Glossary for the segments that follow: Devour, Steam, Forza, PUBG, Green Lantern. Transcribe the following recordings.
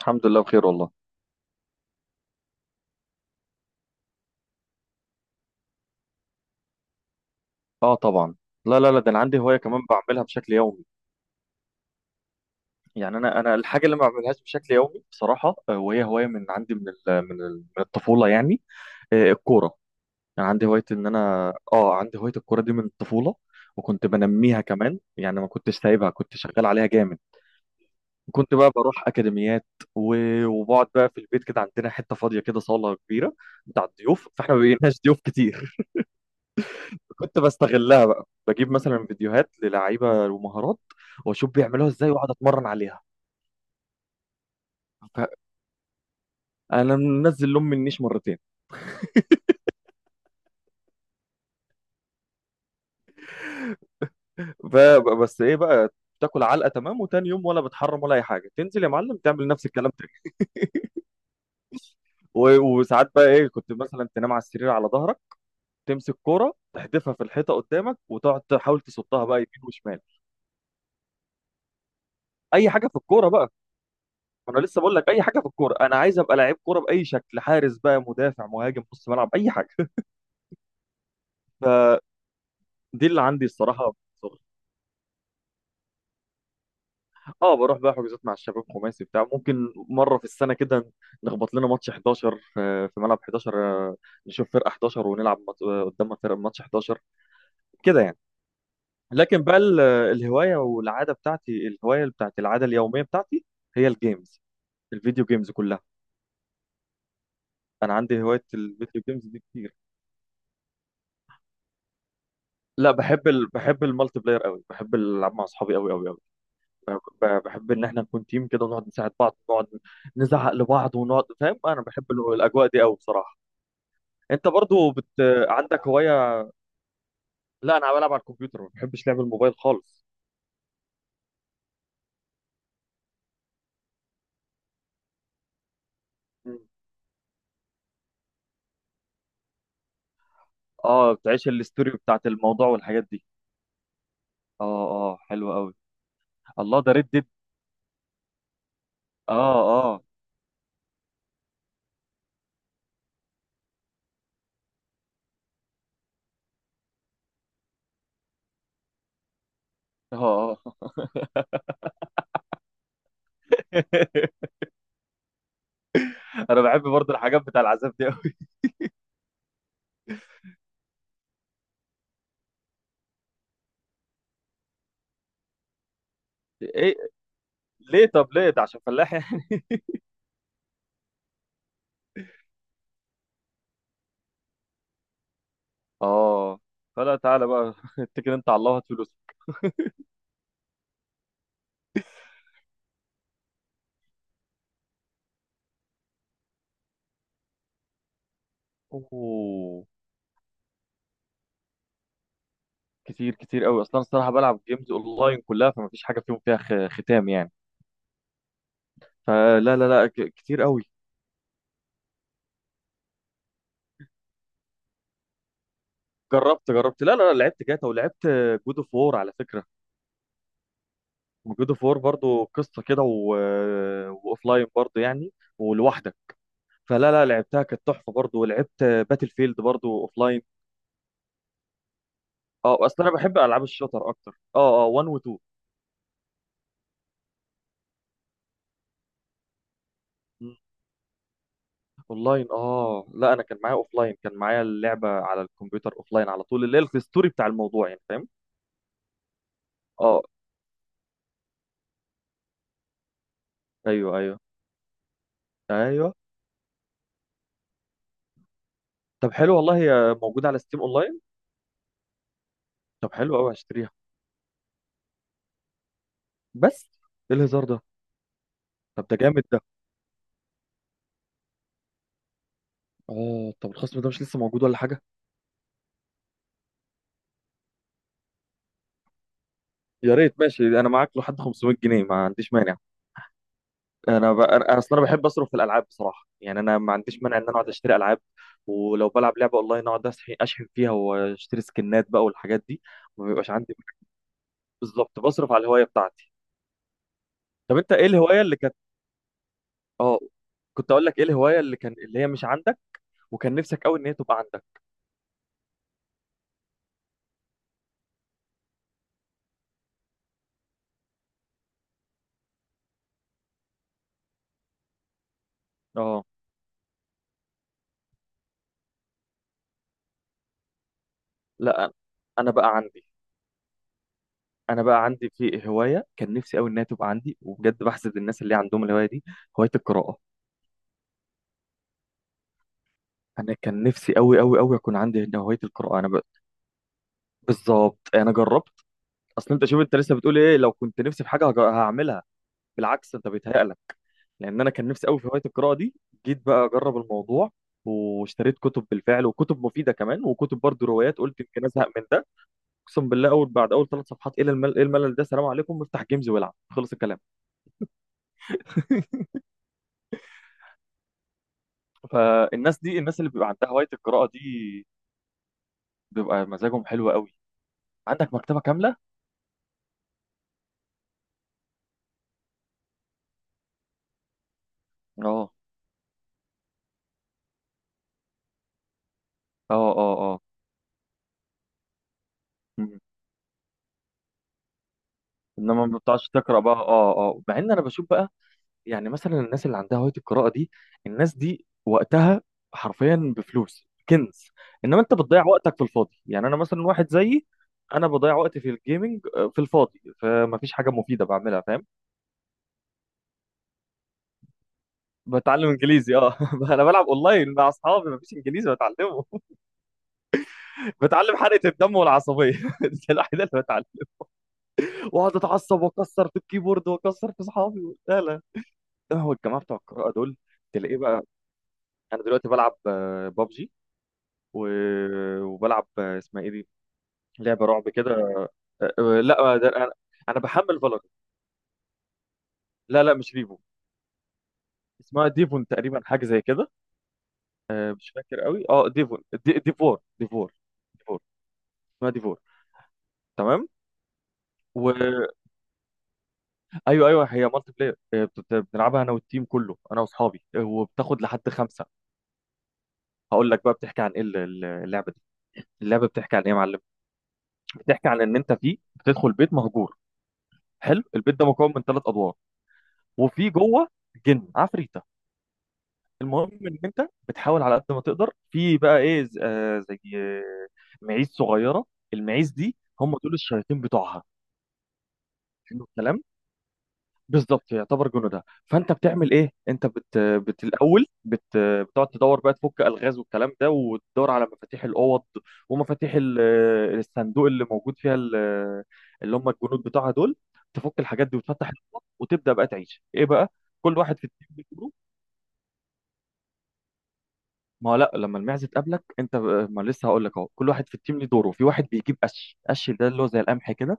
الحمد لله بخير والله. اه طبعا. لا، ده انا عندي هوايه كمان بعملها بشكل يومي. يعني انا الحاجه اللي ما بعملهاش بشكل يومي بصراحه، وهي هوايه من عندي من الطفوله يعني، الكوره. يعني عندي هوايه ان انا اه عندي هوايه الكوره دي من الطفوله، وكنت بنميها كمان، يعني ما كنتش سايبها، كنت شغال عليها جامد. كنت بقى بروح اكاديميات. و- وبقعد بقى في البيت كده، عندنا حته فاضيه كده، صاله كبيره بتاع الضيوف، فاحنا ما بقيناش ضيوف كتير. كنت بستغلها بقى، بجيب مثلا فيديوهات للعيبه ومهارات واشوف بيعملوها ازاي واقعد اتمرن عليها. فانا منزل لهم النيش مرتين. ف- بس ايه بقى، تاكل علقه تمام، وتاني يوم ولا بتحرم ولا اي حاجه، تنزل يا معلم تعمل نفس الكلام تاني. و- وساعات بقى ايه، كنت مثلا تنام على السرير على ظهرك، تمسك كوره تحدفها في الحيطه قدامك وتقعد تحاول تصدها بقى يمين وشمال. اي حاجه في الكوره بقى. انا لسه بقول لك اي حاجه في الكوره، انا عايز ابقى لعيب كوره باي شكل، حارس بقى، مدافع، مهاجم، نص ملعب، اي حاجه. دي اللي عندي الصراحه في الشغل. اه بروح بقى حجوزات مع الشباب خماسي بتاع، ممكن مره في السنه كده نخبط لنا ماتش 11، في ملعب 11، نشوف فرقه 11 ونلعب قدامها فرقه ماتش 11 كده يعني. لكن بقى الهوايه والعاده بتاعتي، الهوايه بتاعت العاده اليوميه بتاعتي هي الجيمز، الفيديو جيمز كلها. انا عندي هوايه الفيديو جيمز دي كتير. لا بحب ال... بحب المالتي بلاير قوي، بحب العب مع اصحابي قوي قوي قوي. بحب ان احنا نكون تيم كده ونقعد نساعد بعض ونقعد نزعق لبعض ونقعد، فاهم؟ انا بحب الاجواء دي قوي بصراحه. انت برضو عندك هوايه؟ لا انا بلعب على الكمبيوتر، ما بحبش لعب الموبايل خالص. مم. اه بتعيش الستوري بتاعت الموضوع والحاجات دي. اه اه، حلو قوي. الله، ده ريد ديد. اه. اه. اه. اه. انا بحب برضو الحاجات بتاع العذاب دي قوي. ايه، ليه؟ طب ليه ده، عشان فلاح يعني؟ اه، فلا تعالى بقى، اتكل انت على الله، هات فلوس. اوه، كتير كتير قوي اصلا الصراحه، بلعب جيمز اونلاين كلها، فما فيش حاجه فيها ختام يعني. فلا لا لا، كتير قوي. جربت جربت، لا لا لا، لعبت جاتا ولعبت جود اوف وور على فكره. جود اوف وور برضه قصه كده و... واوفلاين برضه يعني، ولوحدك. فلا لا، لعبتها كانت تحفه برضه، ولعبت باتل فيلد برضه اوفلاين. اه اصلا انا بحب العاب الشوتر اكتر. اه اه، 1 و 2. مم. اونلاين اه، لا انا كان معايا اوفلاين، كان معايا اللعبه على الكمبيوتر اوفلاين على طول، اللي هي الستوري بتاع الموضوع يعني، فاهم؟ اه، ايوه ايوه ايوه. طب حلو والله، هي موجوده على ستيم اونلاين. طب حلو قوي، هشتريها. بس ايه الهزار ده؟ طب ده جامد ده. اه طب الخصم ده مش لسه موجود ولا حاجه؟ يا ريت، ماشي، انا معاك لحد 500 جنيه، ما عنديش مانع. انا اصلا انا بحب اصرف في الالعاب بصراحه، يعني انا ما عنديش مانع ان انا اقعد اشتري العاب. ولو بلعب لعبه اونلاين، اقعد اشحن فيها واشتري سكنات بقى والحاجات دي. ما بيبقاش عندي، بالظبط، بصرف على الهوايه بتاعتي. طب انت ايه الهوايه اللي كانت؟ اه، كنت اقول لك ايه الهوايه اللي كان اللي هي مش عندك، وكان نفسك قوي ان هي تبقى عندك. اه لا، أنا بقى عندي، أنا بقى عندي في هواية كان نفسي أوي إنها تبقى عندي، وبجد بحسد الناس اللي عندهم الهواية دي، هواية القراءة. أنا كان نفسي أوي أوي أوي أكون عندي هنا هواية القراءة. بالظبط أنا جربت. أصل أنت شوف، أنت لسه بتقول إيه لو كنت نفسي في حاجة هعملها؟ بالعكس، أنت بيتهيألك. لأن أنا كان نفسي أوي في هواية القراءة دي. جيت بقى أجرب الموضوع، واشتريت كتب بالفعل، وكتب مفيدة كمان، وكتب برضه روايات، قلت يمكن أزهق من ده. أقسم بالله، أول بعد أول ثلاث صفحات، إيه الملل، إيه الملل ده، سلام عليكم، افتح جيمز والعب، خلص الكلام. فالناس دي، الناس اللي بيبقى عندها هواية القراءة دي، بيبقى مزاجهم حلو قوي. عندك مكتبة كاملة. اه. اه. اه. اه. مم. انما ما بتعرفش تقرا بقى، اه اه، مع ان انا بشوف بقى، يعني مثلا الناس اللي عندها هوايه القراءه دي، الناس دي وقتها حرفيا بفلوس كنز. انما انت بتضيع وقتك في الفاضي، يعني انا مثلا واحد زيي، انا بضيع وقتي في الجيمنج، في الفاضي، فما فيش حاجه مفيده بعملها، فاهم؟ بتعلم انجليزي اه، انا بلعب اونلاين مع اصحابي، ما فيش انجليزي بتعلمه. بتعلم حرقه الدم والعصبيه، دي الوحيده اللي بتعلم، واقعد اتعصب واكسر في الكيبورد واكسر في اصحابي. لا لا، هو الجماعه بتوع القراءه دول تلاقيه بقى. انا دلوقتي بلعب بابجي، و... وبلعب اسمها ايه دي، لعبه رعب كده. آه، آه، لا آه، ده انا، انا بحمل فالورنت. لا لا، مش ريفو. اسمها ديفون تقريبا، حاجه زي كده. مش فاكر قوي، اه ديفون دي... ديفور ديفور، ديفور. اسمها ديفور، تمام. و... ايوه ايوه، هي مالتي بلاير، بنلعبها انا والتيم كله، انا واصحابي، وبتاخد لحد خمسه. هقول لك بقى بتحكي عن ايه اللعبه دي، اللعبه بتحكي عن ايه يا معلم؟ بتحكي عن ان انت فيه بتدخل بيت مهجور، حلو، البيت ده مكون من ثلاث ادوار، وفي جوه جن عفريته. المهم ان انت بتحاول على قد ما تقدر، في بقى ايه زي معيز صغيره، المعيز دي هم دول الشياطين بتوعها. حلو الكلام، بالظبط يعتبر جنودها. فانت بتعمل ايه، انت بت, بت الاول بت بتقعد تدور بقى تفك الغاز والكلام ده، وتدور على مفاتيح الاوض، ومفاتيح الصندوق اللي موجود فيها اللي هم الجنود بتوعها دول. تفك الحاجات دي وتفتح الاوض وتبدا بقى تعيش ايه بقى. كل واحد في التيم ليه دوره. ما هو لا، لما المعزه تقابلك انت ما لسه هقول لك اهو، كل واحد في التيم ليه دوره، في واحد بيجيب قش، قش ده اللي هو زي القمح كده،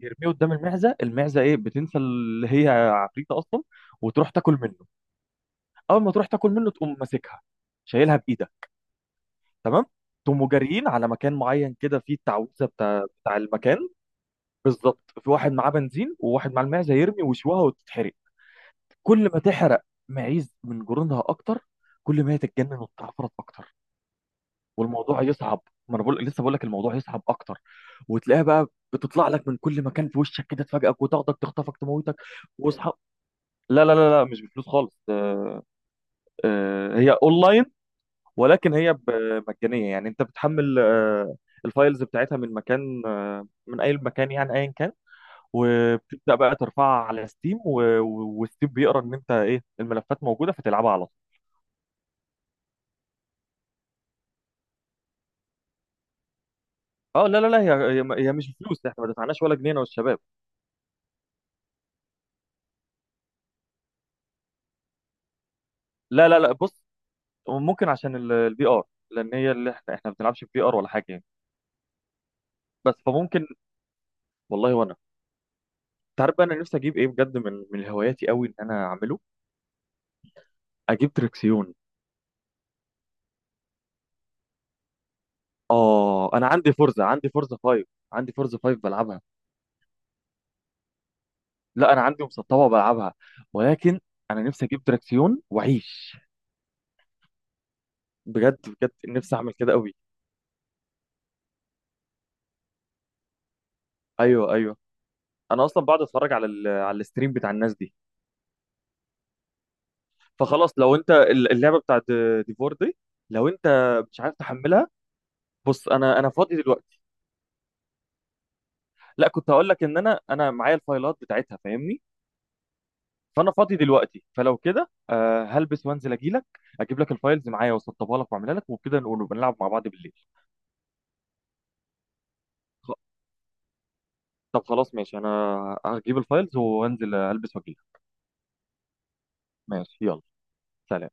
يرميه قدام المعزه، المعزه ايه، بتنسى اللي هي عفريته اصلا وتروح تاكل منه. اول ما تروح تاكل منه، تقوم ماسكها، شايلها بايدك، تمام، تقوموا جاريين على مكان معين كده، فيه التعويذه بتاع المكان. بالظبط، في واحد معاه بنزين وواحد معاه المعزه، يرمي وشوها وتتحرق. كل ما تحرق معيز من جرونها اكتر، كل ما هي تتجنن وتتعفرت اكتر، والموضوع يصعب. ما انا بقول لسه بقول لك الموضوع يصعب اكتر. وتلاقيها بقى بتطلع لك من كل مكان في وشك كده، تفاجئك وتاخدك تخطفك تموتك، واصحى. لا لا لا لا، مش بفلوس خالص، هي اونلاين، ولكن هي مجانيه. يعني انت بتحمل، الفايلز بتاعتها من مكان، من اي مكان يعني، ايا كان. وبتبدا بقى ترفعها على ستيم، وستيم بيقرا ان انت ايه الملفات موجوده، فتلعبها على طول. اه لا لا لا، هي مش فلوس، احنا ما دفعناش ولا جنيه انا والشباب. لا لا لا، بص، ممكن عشان الفي ار، لان هي اللي احنا ما بنلعبش في ار ولا حاجه يعني، بس فممكن. والله وانا، انت عارف بقى انا نفسي اجيب ايه بجد، من هواياتي قوي ان انا اعمله، اجيب تريكسيون. اه انا عندي فورزا، عندي فورزا 5 بلعبها. لا انا عندي مسطبه بلعبها، ولكن انا نفسي اجيب دراكسيون واعيش. بجد بجد نفسي اعمل كده قوي. ايوه ايوه. انا اصلا بقعد اتفرج على ال على الستريم بتاع الناس دي. فخلاص، لو انت اللعبه بتاعت ديفور دي، لو انت مش عارف تحملها، بص انا انا فاضي دلوقتي. لا كنت هقول لك ان انا معايا الفايلات بتاعتها، فاهمني؟ فانا فاضي دلوقتي، فلو كده آه هلبس وانزل اجي لك، اجيب لك الفايلز معايا واسطبها لك واعملها لك، وبكده نقول نبقى نلعب مع بعض بالليل. خ- طب خلاص ماشي، انا هجيب الفايلز وانزل البس واجي لك. ماشي، يلا، سلام.